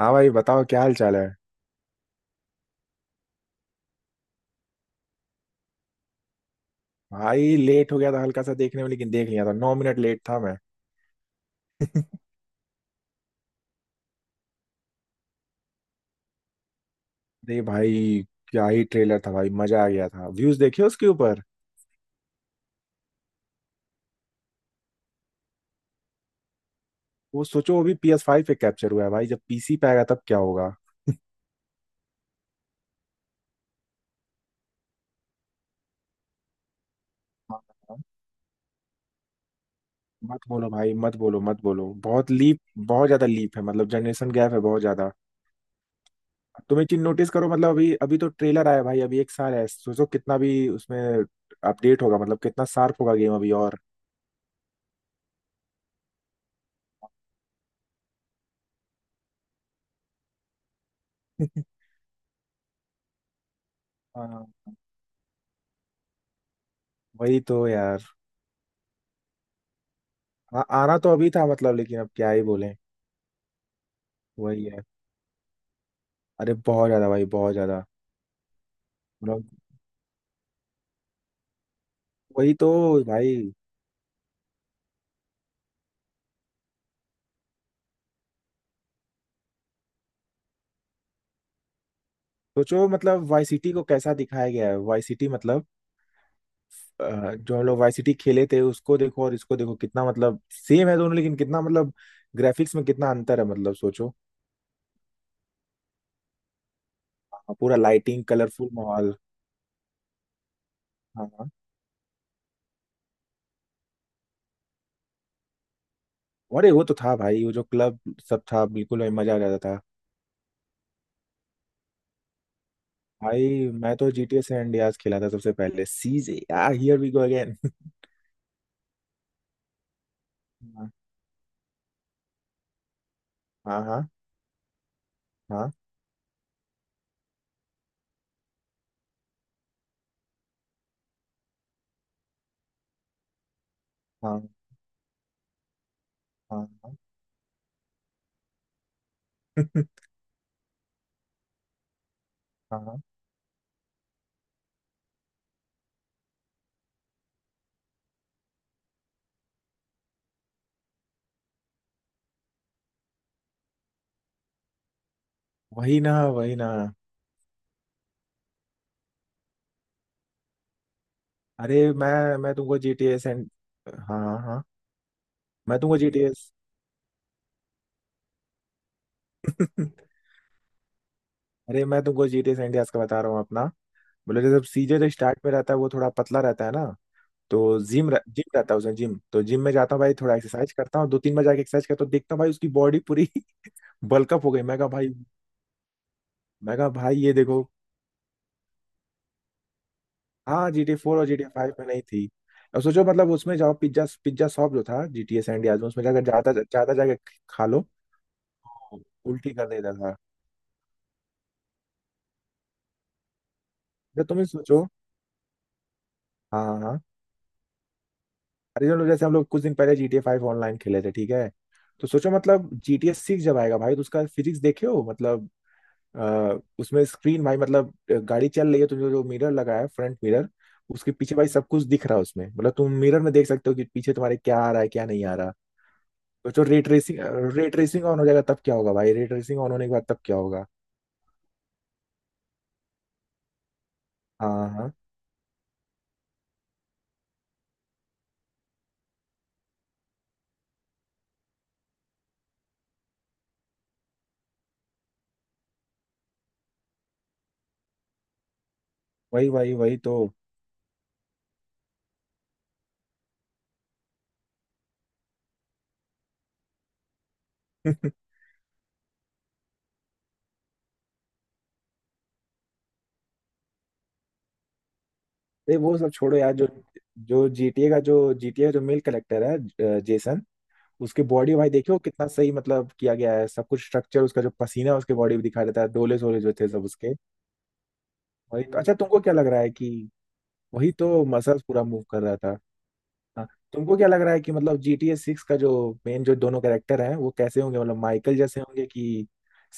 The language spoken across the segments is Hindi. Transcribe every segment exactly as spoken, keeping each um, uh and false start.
हाँ भाई बताओ, क्या हाल चाल है। भाई लेट हो गया था, हल्का सा देखने में, लेकिन देख लिया था। नौ मिनट लेट था मैं। अरे भाई, क्या ही ट्रेलर था भाई, मजा आ गया था। व्यूज देखे उसके ऊपर? वो सोचो, वो भी पी एस फाइव पे कैप्चर हुआ है भाई, जब पीसी पे आएगा तब क्या होगा। हाँ, हाँ। मत बोलो भाई, मत बोलो, मत बोलो, बहुत लीप। बहुत ज्यादा लीप है, मतलब जनरेशन गैप है बहुत ज्यादा। तुम एक चीज नोटिस करो, मतलब अभी अभी तो ट्रेलर आया भाई, अभी एक साल है, सोचो कितना भी उसमें अपडेट होगा, मतलब कितना शार्प होगा गेम अभी और। हाँ, वही तो यार। हाँ, आना तो अभी था मतलब, लेकिन अब क्या ही बोलें। वही है। अरे बहुत ज्यादा भाई, बहुत ज्यादा। मतलब वही तो भाई, सोचो मतलब वाई सिटी को कैसा दिखाया गया है, वाई सिटी मतलब अ, जो हम लोग वाई सिटी खेले थे उसको देखो और इसको देखो, कितना मतलब सेम है दोनों, लेकिन कितना मतलब ग्राफिक्स में कितना अंतर है, मतलब सोचो। हाँ, पूरा लाइटिंग कलरफुल माहौल। हाँ, हाँ। अरे वो तो था भाई, वो जो क्लब सब था बिल्कुल, भाई मजा आ जाता था। भाई मैं तो जी टी ए सैन खेला था सबसे पहले। सीजे यार, हियर वी गो अगेन। हाँ हाँ हाँ। हाँ हाँ हाँ हाँ। हाँ, वही ना, वही ना। अरे मैं मैं तुमको जीटीए सेंड। हाँ हाँ हाँ। मैं तुमको जीटीए। अरे मैं तुमको जीटीए सैन का बता रहा हूँ अपना। बोले, जब सीजन जो स्टार्ट में रहता है वो थोड़ा पतला रहता है ना, तो जिम रह, जिम रहता है उसमें, जिम। तो जिम में जाता हूँ भाई, थोड़ा एक्सरसाइज करता हूँ, दो तीन बार जाके एक्सरसाइज करता हूँ, देखता हूँ भाई उसकी बॉडी पूरी। बल्कअप हो गई। मैं कहा भाई, मैं कहा भाई, ये देखो। हाँ, जी टी फोर और जी टी फाइव में नहीं थी। अब सोचो मतलब, उसमें जाओ पिज्जा पिज्जा शॉप जो था जी टी ए सैन डियाज में, उसमें जाकर जाता जाता जाके खा लो, तो उल्टी कर देता था। जब तुम ही सोचो। हाँ हाँ। अरे जो, जैसे हम लोग कुछ दिन पहले G T A five online खेले थे, ठीक है, तो सोचो मतलब जी टी ए सिक्स जब आएगा भाई, तो उसका फिजिक्स देखे हो मतलब। अ, उसमें स्क्रीन भाई मतलब, अ, गाड़ी चल रही है तो जो, जो मिरर लगा है, फ्रंट मिरर, उसके पीछे भाई सब कुछ दिख रहा है उसमें, मतलब तुम मिरर में देख सकते हो कि पीछे तुम्हारे क्या आ रहा है, क्या नहीं आ रहा। तो जो ray tracing, ray tracing on हो जाएगा तब क्या होगा भाई, रे ट्रेसिंग ऑन होने के बाद तब क्या होगा। हाँ हाँ। वही वही वही तो। ये वो सब छोड़ो यार, जो जो जीटीए का जो जीटीए जो मेल कलेक्टर है, अ, जेसन, उसकी बॉडी भाई देखो कितना सही मतलब किया गया है, सब कुछ स्ट्रक्चर उसका, जो पसीना है उसके बॉडी में दिखा देता है, डोले सोले जो थे सब उसके। वही तो। अच्छा तुमको क्या लग रहा है कि वही तो मसल्स पूरा मूव कर रहा था। हाँ, तुमको क्या लग रहा है कि मतलब जी टी ए सिक्स का जो मेन जो दोनों कैरेक्टर हैं वो कैसे होंगे, मतलब माइकल जैसे होंगे कि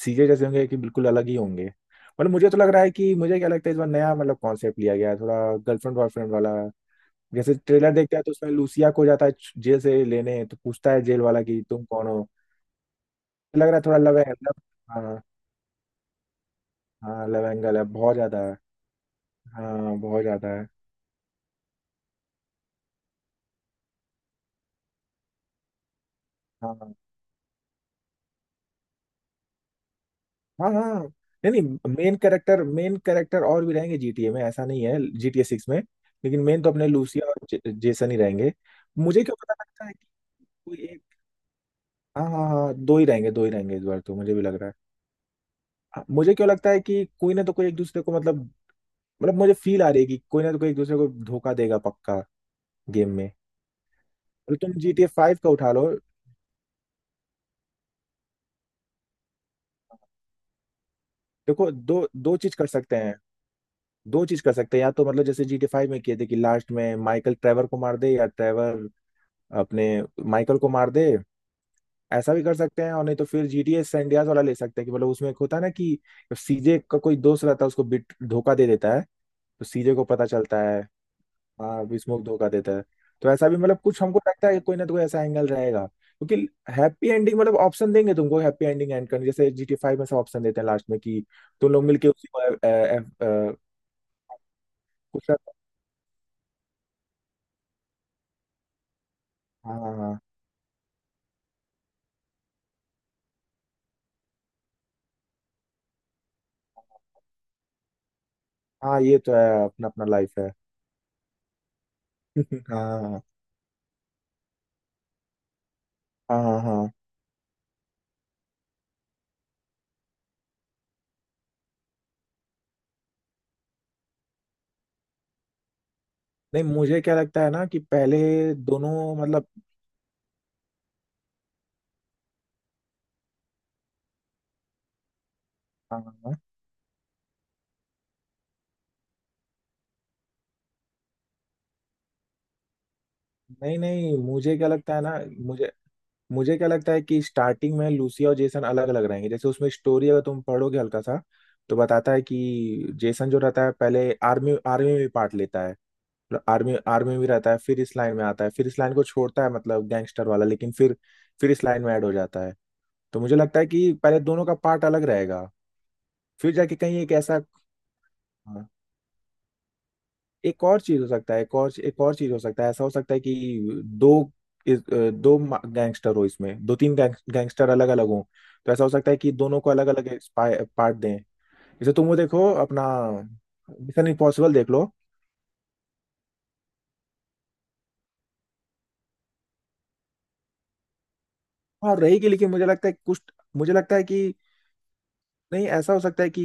सीजे जैसे होंगे कि बिल्कुल अलग ही होंगे। मतलब मुझे तो लग रहा है कि, मुझे क्या लगता है इस बार नया मतलब कॉन्सेप्ट लिया गया है थोड़ा, गर्लफ्रेंड बॉयफ्रेंड वाला। जैसे ट्रेलर देखते हैं तो उसमें लूसिया को जाता है जेल से लेने, तो पूछता है जेल वाला कि तुम कौन हो। लग रहा है थोड़ा लव एंगल। हाँ, हाँ लव एंगल है बहुत ज्यादा है। हाँ बहुत ज्यादा है। हाँ हाँ हाँ हाँ। नहीं नहीं, मेन कैरेक्टर, मेन कैरेक्टर और भी रहेंगे जीटीए में, ऐसा नहीं है, जीटीए सिक्स में। लेकिन मेन तो अपने लूसिया और जे, जेसन ही रहेंगे। मुझे क्यों पता लगता है कि कोई एक। हाँ हाँ हाँ, दो ही रहेंगे, दो ही रहेंगे इस बार तो मुझे भी लग रहा है। हाँ, मुझे क्यों लगता है कि कोई ना तो कोई एक दूसरे को मतलब, मतलब मुझे फील आ रही है कि कोई ना तो कोई एक दूसरे को धोखा देगा पक्का, गेम में। तो तुम जीटीए फाइव का उठा लो। देखो, दो दो चीज कर सकते हैं, दो चीज कर सकते हैं। या तो मतलब जैसे जीटी फाइव में किए थे, कि लास्ट में माइकल ट्रेवर को मार दे, या ट्रेवर अपने माइकल को मार दे, ऐसा भी कर सकते हैं। और नहीं तो फिर जीटीए सैंडियाज वाला ले सकते हैं, कि मतलब उसमें एक होता है ना, कि सीजे का कोई दोस्त रहता है, उसको बिट धोखा दे देता है, तो सीजे को पता चलता है। हाँ, स्मोक धोखा देता है। तो ऐसा भी मतलब कुछ हमको लगता है कि कोई ना तो कोई ऐसा एंगल रहेगा, क्योंकि हैप्पी एंडिंग मतलब ऑप्शन देंगे तुमको हैप्पी एंडिंग एंड करने, जैसे जीटी फाइव में सब ऑप्शन देते हैं लास्ट में कि तुम लोग मिलके उसी को अ, अ, अ, कुछ। हाँ हाँ हाँ हाँ, ये तो है, अपना अपना लाइफ है। हाँ हाँ हाँ हाँ। नहीं मुझे क्या लगता है ना कि पहले दोनों मतलब। हाँ, हाँ, नहीं नहीं मुझे क्या लगता है ना। मुझे मुझे क्या लगता है कि स्टार्टिंग में लूसिया और जेसन अलग अलग रहेंगे। जैसे उसमें स्टोरी अगर तुम पढ़ोगे हल्का सा, तो बताता है कि जेसन जो रहता है पहले आर्मी, आर्मी में भी पार्ट लेता है, मतलब आर्मी, आर्मी में रहता है, फिर इस लाइन में आता है, फिर इस लाइन को छोड़ता है मतलब गैंगस्टर वाला, लेकिन फिर फिर इस लाइन में ऐड हो जाता है। तो मुझे लगता है कि पहले दोनों का पार्ट अलग रहेगा, फिर जाके कहीं एक ऐसा। हाँ, एक और चीज हो सकता है, एक और एक और चीज हो सकता है। ऐसा हो सकता है कि दो, इस- अ, दो गैंगस्टर हो इसमें, दो तीन गैंगस्टर अलग अलग हो, तो ऐसा हो सकता है कि दोनों को अलग अलग पार्ट दें। जैसे तुम वो देखो अपना, मिशन इम्पॉसिबल देख लो। और रही कि लेकिन मुझे लगता है कुछ, मुझे लगता है कि, नहीं ऐसा हो सकता है कि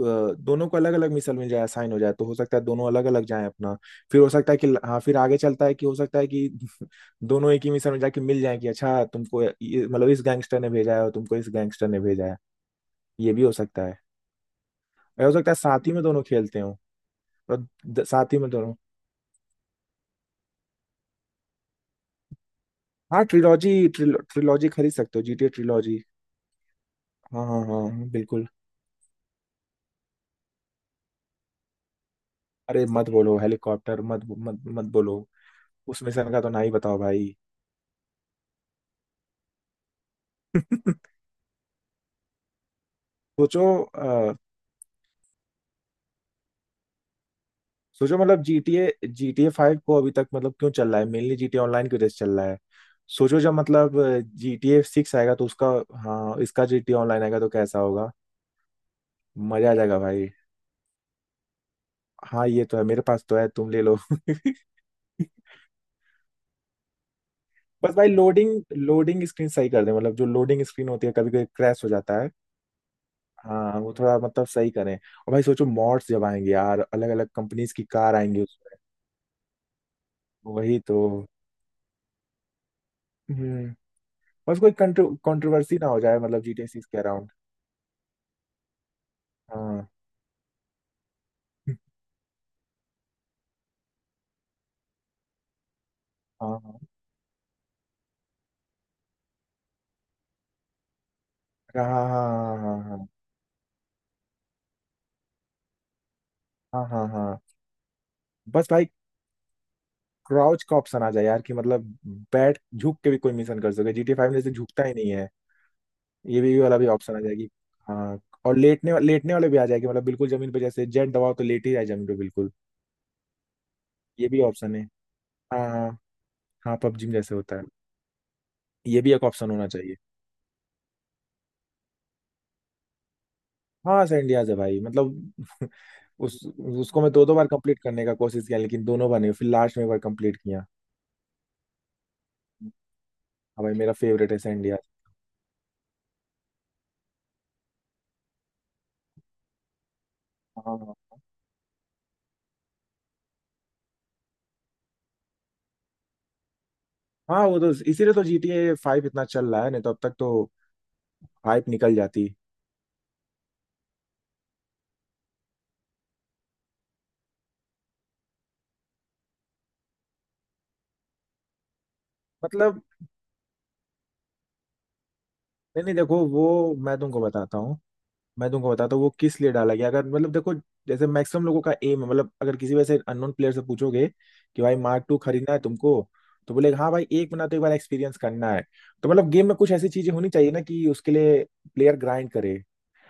अ, दोनों को अलग अलग मिसल मिल जाए, असाइन हो जाए, तो हो सकता है दोनों अलग अलग जाएं अपना, फिर हो सकता है कि हाँ, फिर आगे चलता है कि हो सकता है कि दोनों एक ही मिसल में जाके मिल जाए कि अच्छा, तुमको ये मतलब इस गैंगस्टर ने भेजा है और तुमको इस गैंगस्टर ने भेजा है। ये भी हो सकता है, और हो सकता है साथ ही में दोनों खेलते हो। और द- साथ ही में दोनों। हाँ, ट्रिलॉजी, ट्रिलॉजी खरीद सकते हो, जीटीए ट्रिलॉजी। हाँ हाँ हाँ हाँ, बिल्कुल। अरे मत बोलो हेलीकॉप्टर, मत मत मत बोलो, उस मिशन का तो ना ही बताओ भाई। सोचो, सोचो मतलब G T A ji T A five को अभी तक मतलब क्यों चल रहा है? मेनली जी टी ए ऑनलाइन की वजह से चल रहा है। सोचो जब मतलब जी टी ए सिक्स आएगा तो उसका, हाँ इसका जी टी ए ऑनलाइन आएगा तो कैसा होगा? मजा आ जाएगा भाई। हाँ ये तो है, मेरे पास तो है, तुम ले लो। बस भाई, लोडिंग लोडिंग स्क्रीन सही कर दे, मतलब जो लोडिंग स्क्रीन होती है, कभी कभी क्रैश हो जाता है। हाँ वो थोड़ा मतलब सही करें। और भाई सोचो मॉड्स जब आएंगे यार, अलग अलग कंपनीज की कार आएंगी उसमें। वही तो। हम्म, बस कोई कंट्रोवर्सी ना हो जाए मतलब जी टी ए छह के अराउंड। हाँ हाँ हाँ हाँ हाँ हाँ हाँ हाँ हाँ हाँ। बस भाई क्राउच का ऑप्शन आ जाए यार, कि मतलब बैठ झुक के भी कोई मिशन कर सके, जीटी फाइव में जैसे झुकता ही नहीं है, ये भी, ये वाला भी ऑप्शन आ जाएगी। हाँ, और लेटने लेटने वाले भी आ जाएगी, मतलब बिल्कुल जमीन पे, जैसे जेट दबाओ तो लेट ही जाए जमीन पे बिल्कुल। ये भी ऑप्शन है। हाँ हाँ, हाँ पबजी में जैसे होता है, ये भी एक ऑप्शन होना चाहिए। हाँ सर इंडियाज है भाई मतलब। उस, उसको मैं दो दो बार कंप्लीट करने का कोशिश किया, लेकिन दोनों बार नहीं, फिर लास्ट में एक बार कंप्लीट किया। हाँ भाई मेरा फेवरेट है सर। हाँ हाँ, वो तो इसीलिए तो जी टी ए फाइव इतना चल रहा है, नहीं तो अब तक तो हाइप निकल जाती। मतलब, नहीं नहीं देखो वो, मैं तुमको बताता हूँ, मैं तुमको बताता हूँ वो किस लिए डाला गया। अगर मतलब देखो, जैसे मैक्सिमम लोगों का एम है मतलब, अगर किसी वैसे अननोन प्लेयर से पूछोगे कि भाई मार्क टू खरीदना है तुमको, तो बोलेगा हाँ भाई, एक महीना तो एक बार एक्सपीरियंस करना है। तो मतलब गेम में कुछ ऐसी चीजें होनी चाहिए ना, कि उसके लिए प्लेयर ग्राइंड करे।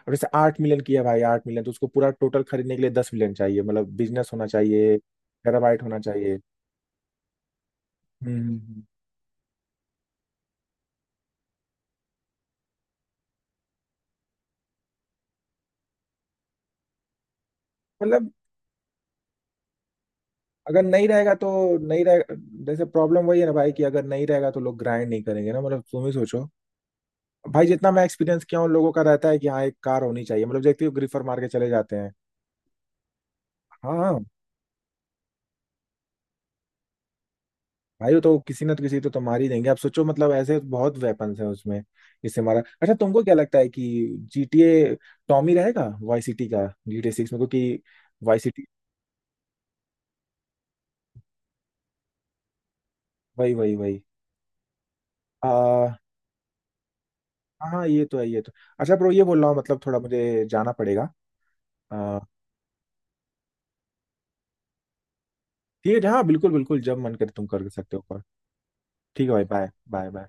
अब जैसे आठ मिलियन किया भाई, आठ मिलियन तो उसको, पूरा टोटल खरीदने के लिए दस मिलियन चाहिए, मतलब बिजनेस होना चाहिए, टेराबाइट होना चाहिए। हम्म, मतलब अगर नहीं रहेगा तो, नहीं रहेगा। जैसे प्रॉब्लम वही है ना भाई, कि अगर नहीं रहेगा तो लोग ग्राइंड नहीं करेंगे ना, मतलब तुम ही सोचो भाई। जितना मैं एक्सपीरियंस किया हूँ लोगों का, रहता है कि हाँ एक कार होनी चाहिए मतलब, देखते हो ग्रीफर मार के चले जाते हैं। हाँ हाँ, भाई वो तो किसी ना तो किसी तो, तो मार ही देंगे। आप सोचो मतलब, ऐसे बहुत वेपन्स है उसमें, इससे मारा। अच्छा तुमको क्या लगता है कि जीटीए टॉमी रहेगा वाई सिटी का जीटीए सिक्स में, क्योंकि वाई सिटी, वही वही वही। आ, हाँ हाँ, ये तो है, ये तो। अच्छा ब्रो, ये बोल रहा हूँ मतलब थोड़ा मुझे जाना पड़ेगा। ठीक है, हाँ बिल्कुल बिल्कुल, जब मन करे तुम कर सकते हो कॉल। ठीक है भाई, बाय बाय बाय।